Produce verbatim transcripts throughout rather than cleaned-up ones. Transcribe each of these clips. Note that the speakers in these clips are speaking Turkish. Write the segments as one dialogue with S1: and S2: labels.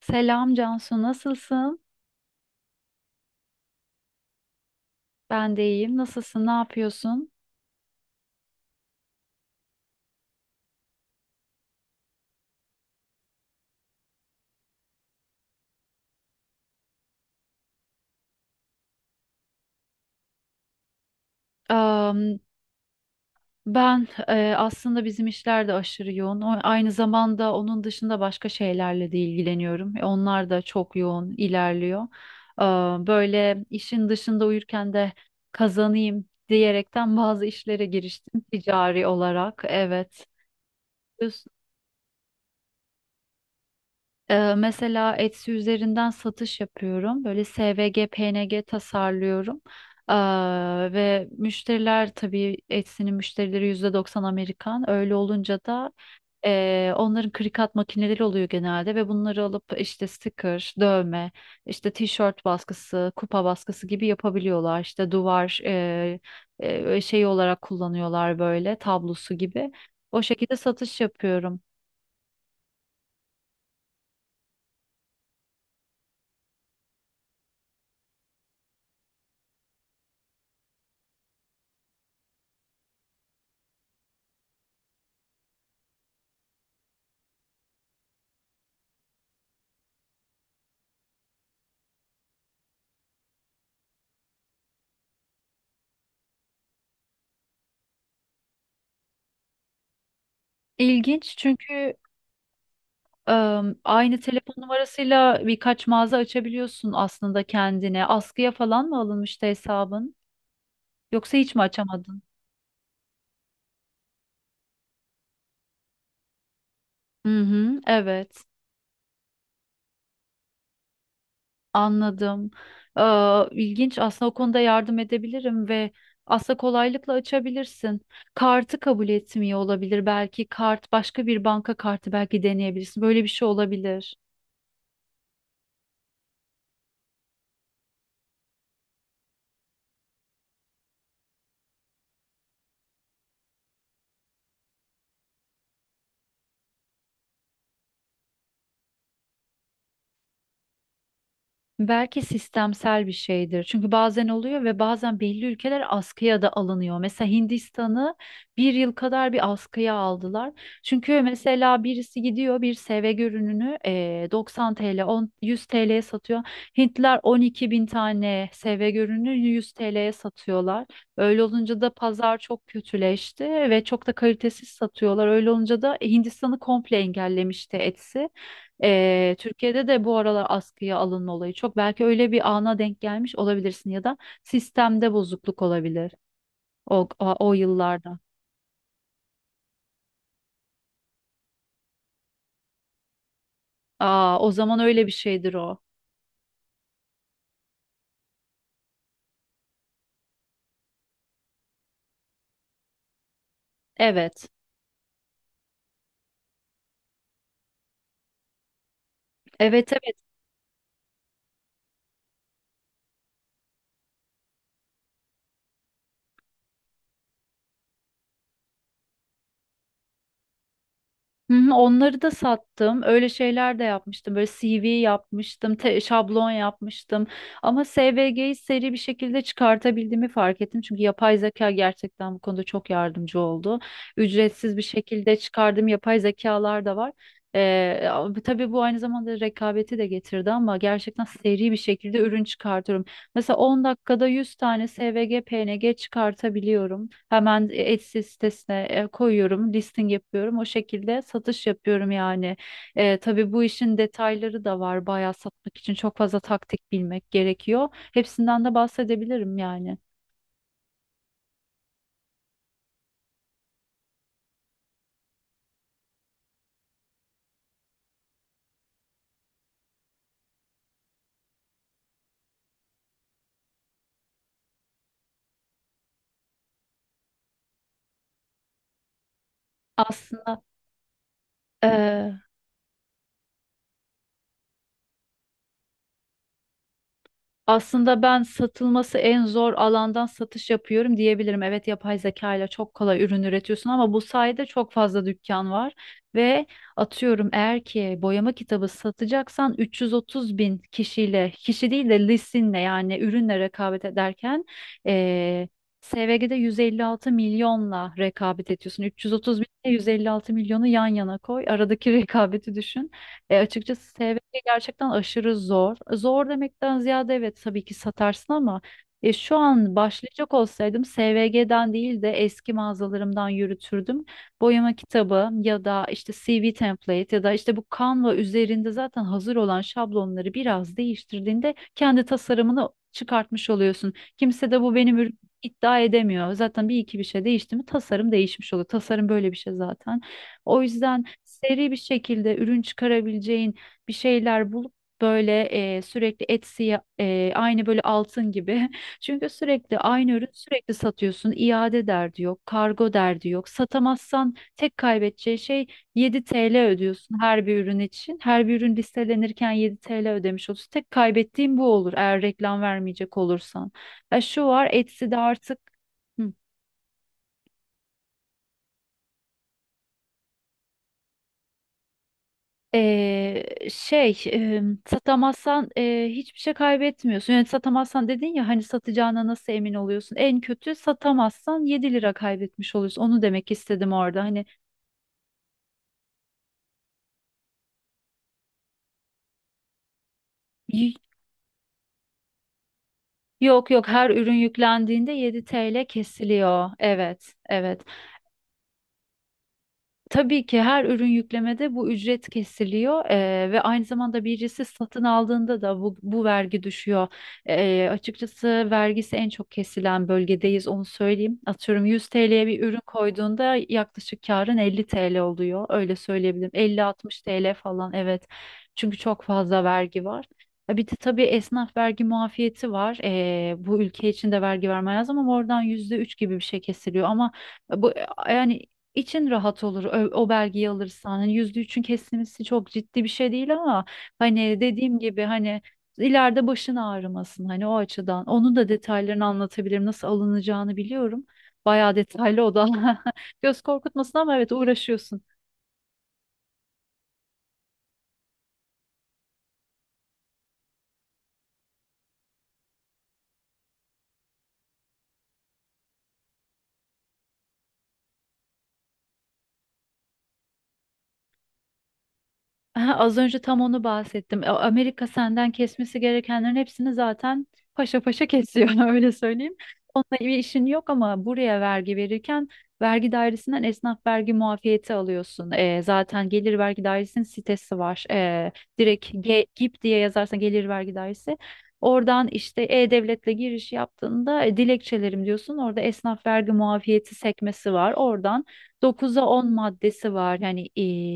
S1: Selam Cansu, nasılsın? Ben de iyiyim. Nasılsın? Ne yapıyorsun? Am, ben e, aslında bizim işler de aşırı yoğun. O- Aynı zamanda onun dışında başka şeylerle de ilgileniyorum. E, Onlar da çok yoğun ilerliyor. Am, böyle işin dışında uyurken de kazanayım diyerekten bazı işlere giriştim ticari olarak. Evet. Ee, mesela Etsy üzerinden satış yapıyorum. Böyle S V G, P N G tasarlıyorum. Ee, ve müşteriler, tabii Etsy'nin müşterileri yüzde doksan Amerikan. Öyle olunca da e, onların krikat makineleri oluyor genelde ve bunları alıp işte sticker, dövme, işte tişört baskısı, kupa baskısı gibi yapabiliyorlar. İşte duvar e, e, şeyi olarak kullanıyorlar, böyle tablosu gibi. O şekilde satış yapıyorum. İlginç, çünkü Am, aynı telefon numarasıyla birkaç mağaza açabiliyorsun aslında kendine. Askıya falan mı alınmıştı hesabın? Yoksa hiç mi açamadın? Hı hı, evet, anladım. Aa, ilginç. Aslında o konuda yardım edebilirim ve aslında kolaylıkla açabilirsin. Kartı kabul etmiyor olabilir, belki kart başka bir banka kartı, belki deneyebilirsin. Böyle bir şey olabilir. Belki sistemsel bir şeydir. Çünkü bazen oluyor ve bazen belli ülkeler askıya da alınıyor. Mesela Hindistan'ı bir yıl kadar bir askıya aldılar. Çünkü mesela birisi gidiyor bir sevgi ürününü eee, doksan T L, on, yüz T L'ye satıyor. Hintliler on iki bin tane sevgi ürünü yüz T L'ye satıyorlar. Öyle olunca da pazar çok kötüleşti ve çok da kalitesiz satıyorlar. Öyle olunca da Hindistan'ı komple engellemişti Etsy. Ee, Türkiye'de de bu aralar askıya alınma olayı çok. Belki öyle bir ana denk gelmiş olabilirsin ya da sistemde bozukluk olabilir o, o, o yıllarda. Aa, o zaman öyle bir şeydir o. Evet. Evet, evet. Hı hı. Onları da sattım. Öyle şeyler de yapmıştım. Böyle C V yapmıştım, te- şablon yapmıştım. Ama S V G'yi seri bir şekilde çıkartabildiğimi fark ettim. Çünkü yapay zeka gerçekten bu konuda çok yardımcı oldu. Ücretsiz bir şekilde çıkardığım yapay zekalar da var. Ee, ama tabii bu aynı zamanda rekabeti de getirdi, ama gerçekten seri bir şekilde ürün çıkartıyorum. Mesela on dakikada yüz tane S V G, P N G çıkartabiliyorum. Hemen Etsy sitesine e, koyuyorum, listing yapıyorum. O şekilde satış yapıyorum yani. E, tabii bu işin detayları da var. Bayağı satmak için çok fazla taktik bilmek gerekiyor. Hepsinden de bahsedebilirim yani. Aslında e, Aslında ben satılması en zor alandan satış yapıyorum diyebilirim. Evet, yapay zeka ile çok kolay ürün üretiyorsun ama bu sayede çok fazla dükkan var. Ve atıyorum, eğer ki boyama kitabı satacaksan üç yüz otuz bin kişiyle, kişi değil de listinle, yani ürünle rekabet ederken eee S V G'de yüz elli altı milyonla rekabet ediyorsun. üç yüz otuz bin ile yüz elli altı milyonu yan yana koy. Aradaki rekabeti düşün. E, açıkçası şey gerçekten aşırı zor. Zor demekten ziyade, evet, tabii ki satarsın, ama e, şu an başlayacak olsaydım S V G'den değil de eski mağazalarımdan yürütürdüm. Boyama kitabı ya da işte C V template ya da işte bu Canva üzerinde zaten hazır olan şablonları biraz değiştirdiğinde kendi tasarımını çıkartmış oluyorsun. Kimse de bu benim ürünüm iddia edemiyor. Zaten bir iki bir şey değişti mi tasarım değişmiş oluyor. Tasarım böyle bir şey zaten. O yüzden seri bir şekilde ürün çıkarabileceğin bir şeyler bulup böyle e, sürekli Etsy'ye e, aynı, böyle altın gibi. Çünkü sürekli aynı ürün sürekli satıyorsun. İade derdi yok, kargo derdi yok. Satamazsan tek kaybedeceği şey, yedi T L ödüyorsun her bir ürün için. Her bir ürün listelenirken yedi T L ödemiş olursun. Tek kaybettiğin bu olur, eğer reklam vermeyecek olursan. Ya, şu var Etsy'de artık... Hı. Ee, şey, e, satamazsan e, hiçbir şey kaybetmiyorsun. Yani satamazsan dedin ya, hani satacağına nasıl emin oluyorsun? En kötü satamazsan yedi lira kaybetmiş oluyorsun. Onu demek istedim orada. Hani y- yok, yok, her ürün yüklendiğinde yedi T L kesiliyor. Evet, evet. Tabii ki her ürün yüklemede bu ücret kesiliyor, eee, ve aynı zamanda birisi satın aldığında da bu, bu vergi düşüyor. Eee, açıkçası vergisi en çok kesilen bölgedeyiz, onu söyleyeyim. Atıyorum, yüz T L'ye bir ürün koyduğunda yaklaşık karın elli T L oluyor, öyle söyleyebilirim. elli altmış T L falan, evet, çünkü çok fazla vergi var. E, Bir de tabii esnaf vergi muafiyeti var. Eee, bu ülke için de vergi vermeye lazım ama oradan yüzde üç gibi bir şey kesiliyor. Ama bu, yani, için rahat olur ö- o belgeyi alırsan. Hani yüzde üçün kesilmesi çok ciddi bir şey değil, ama hani dediğim gibi, hani ileride başın ağrımasın, hani o açıdan. Onun da detaylarını anlatabilirim. Nasıl alınacağını biliyorum. Bayağı detaylı o da. Göz korkutmasın, ama evet, uğraşıyorsun. Aha, az önce tam onu bahsettim. A- Amerika senden kesmesi gerekenlerin hepsini zaten paşa paşa kesiyor öyle söyleyeyim. Onunla bir işin yok, ama buraya vergi verirken vergi dairesinden esnaf vergi muafiyeti alıyorsun. Ee, zaten Gelir Vergi Dairesi'nin sitesi var. Ee, direkt G GİP diye yazarsan, Gelir Vergi Dairesi. Oradan işte E-Devlet'le giriş yaptığında e, dilekçelerim diyorsun. Orada esnaf vergi muafiyeti sekmesi var. Oradan dokuza on maddesi var. Yani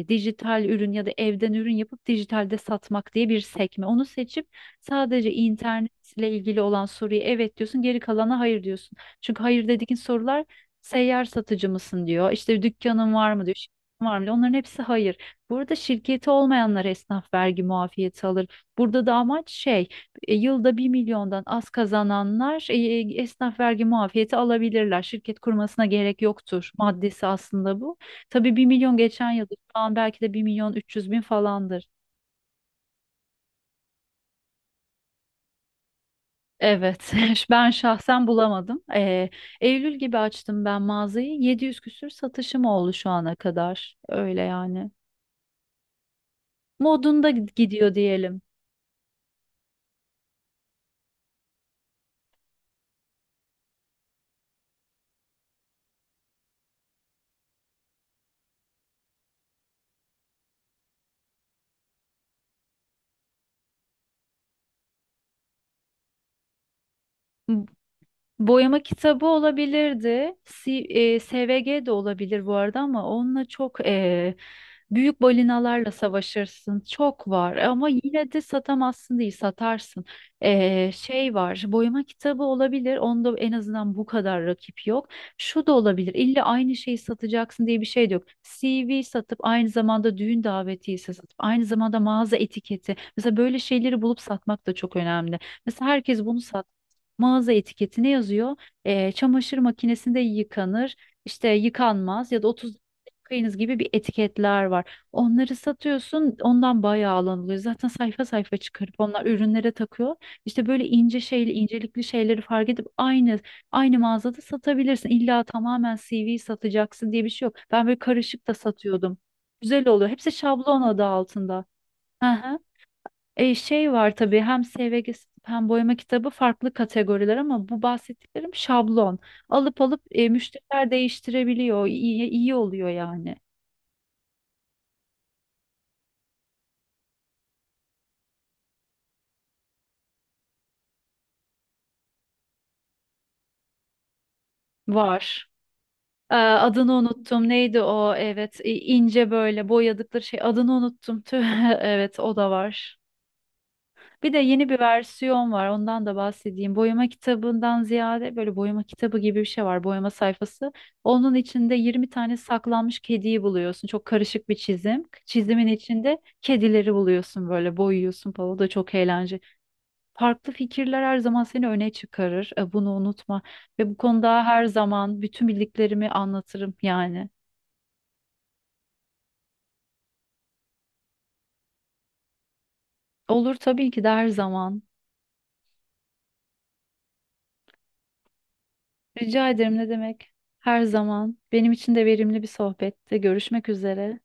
S1: e, dijital ürün ya da evden ürün yapıp dijitalde satmak diye bir sekme. Onu seçip sadece internetle ilgili olan soruya evet diyorsun, geri kalana hayır diyorsun. Çünkü hayır dediğin sorular, seyyar satıcı mısın diyor, işte dükkanın var mı diyor, şirketin var mı diyor. Onların hepsi hayır. Burada şirketi olmayanlar esnaf vergi muafiyeti alır. Burada da amaç şey, e, yılda bir milyondan az kazananlar e, e, esnaf vergi muafiyeti alabilirler. Şirket kurmasına gerek yoktur maddesi aslında bu. Tabii, bir milyon geçen yıl, şu an belki de bir milyon üç yüz bin falandır. Evet, ben şahsen bulamadım. E, Eylül gibi açtım ben mağazayı. Yedi yüz küsür satışım oldu şu ana kadar. Öyle yani. Modunda gid- gidiyor diyelim. Boyama kitabı olabilirdi. Si- e, S V G de olabilir bu arada, ama onunla çok e, büyük balinalarla savaşırsın. Çok var ama yine de satamazsın değil, satarsın. E, şey var, boyama kitabı olabilir. Onda en azından bu kadar rakip yok. Şu da olabilir. İlla aynı şeyi satacaksın diye bir şey de yok. C V satıp aynı zamanda düğün davetiyesi satıp aynı zamanda mağaza etiketi. Mesela böyle şeyleri bulup satmak da çok önemli. Mesela herkes bunu sat, mağaza etiketine yazıyor. E, çamaşır makinesinde yıkanır, işte yıkanmaz ya da otuz dakika yıkayınız gibi bir etiketler var. Onları satıyorsun, ondan bayağı alan oluyor. Zaten sayfa sayfa çıkarıp onlar ürünlere takıyor. İşte böyle ince şeyli, incelikli şeyleri fark edip aynı aynı mağazada satabilirsin. İlla tamamen C V satacaksın diye bir şey yok. Ben böyle karışık da satıyordum. Güzel oluyor. Hepsi şablon adı altında. Hı hı. E, şey var tabii, hem S V G hem boyama kitabı farklı kategoriler, ama bu bahsettiklerim şablon. Alıp alıp e, müşteriler değiştirebiliyor. İyi, iyi oluyor yani. Var. Ee, adını unuttum. Neydi o? Evet, i- ince böyle boyadıkları şey. Adını unuttum. Tüh. Evet, o da var. Bir de yeni bir versiyon var. Ondan da bahsedeyim. Boyama kitabından ziyade böyle boyama kitabı gibi bir şey var. Boyama sayfası. Onun içinde yirmi tane saklanmış kediyi buluyorsun. Çok karışık bir çizim. Çizimin içinde kedileri buluyorsun, böyle boyuyorsun falan. O da çok eğlenceli. Farklı fikirler her zaman seni öne çıkarır. E, Bunu unutma. Ve bu konuda her zaman bütün bildiklerimi anlatırım yani. Olur tabii ki de, her zaman. Rica ederim, ne demek? Her zaman. Benim için de verimli bir sohbette. Görüşmek üzere.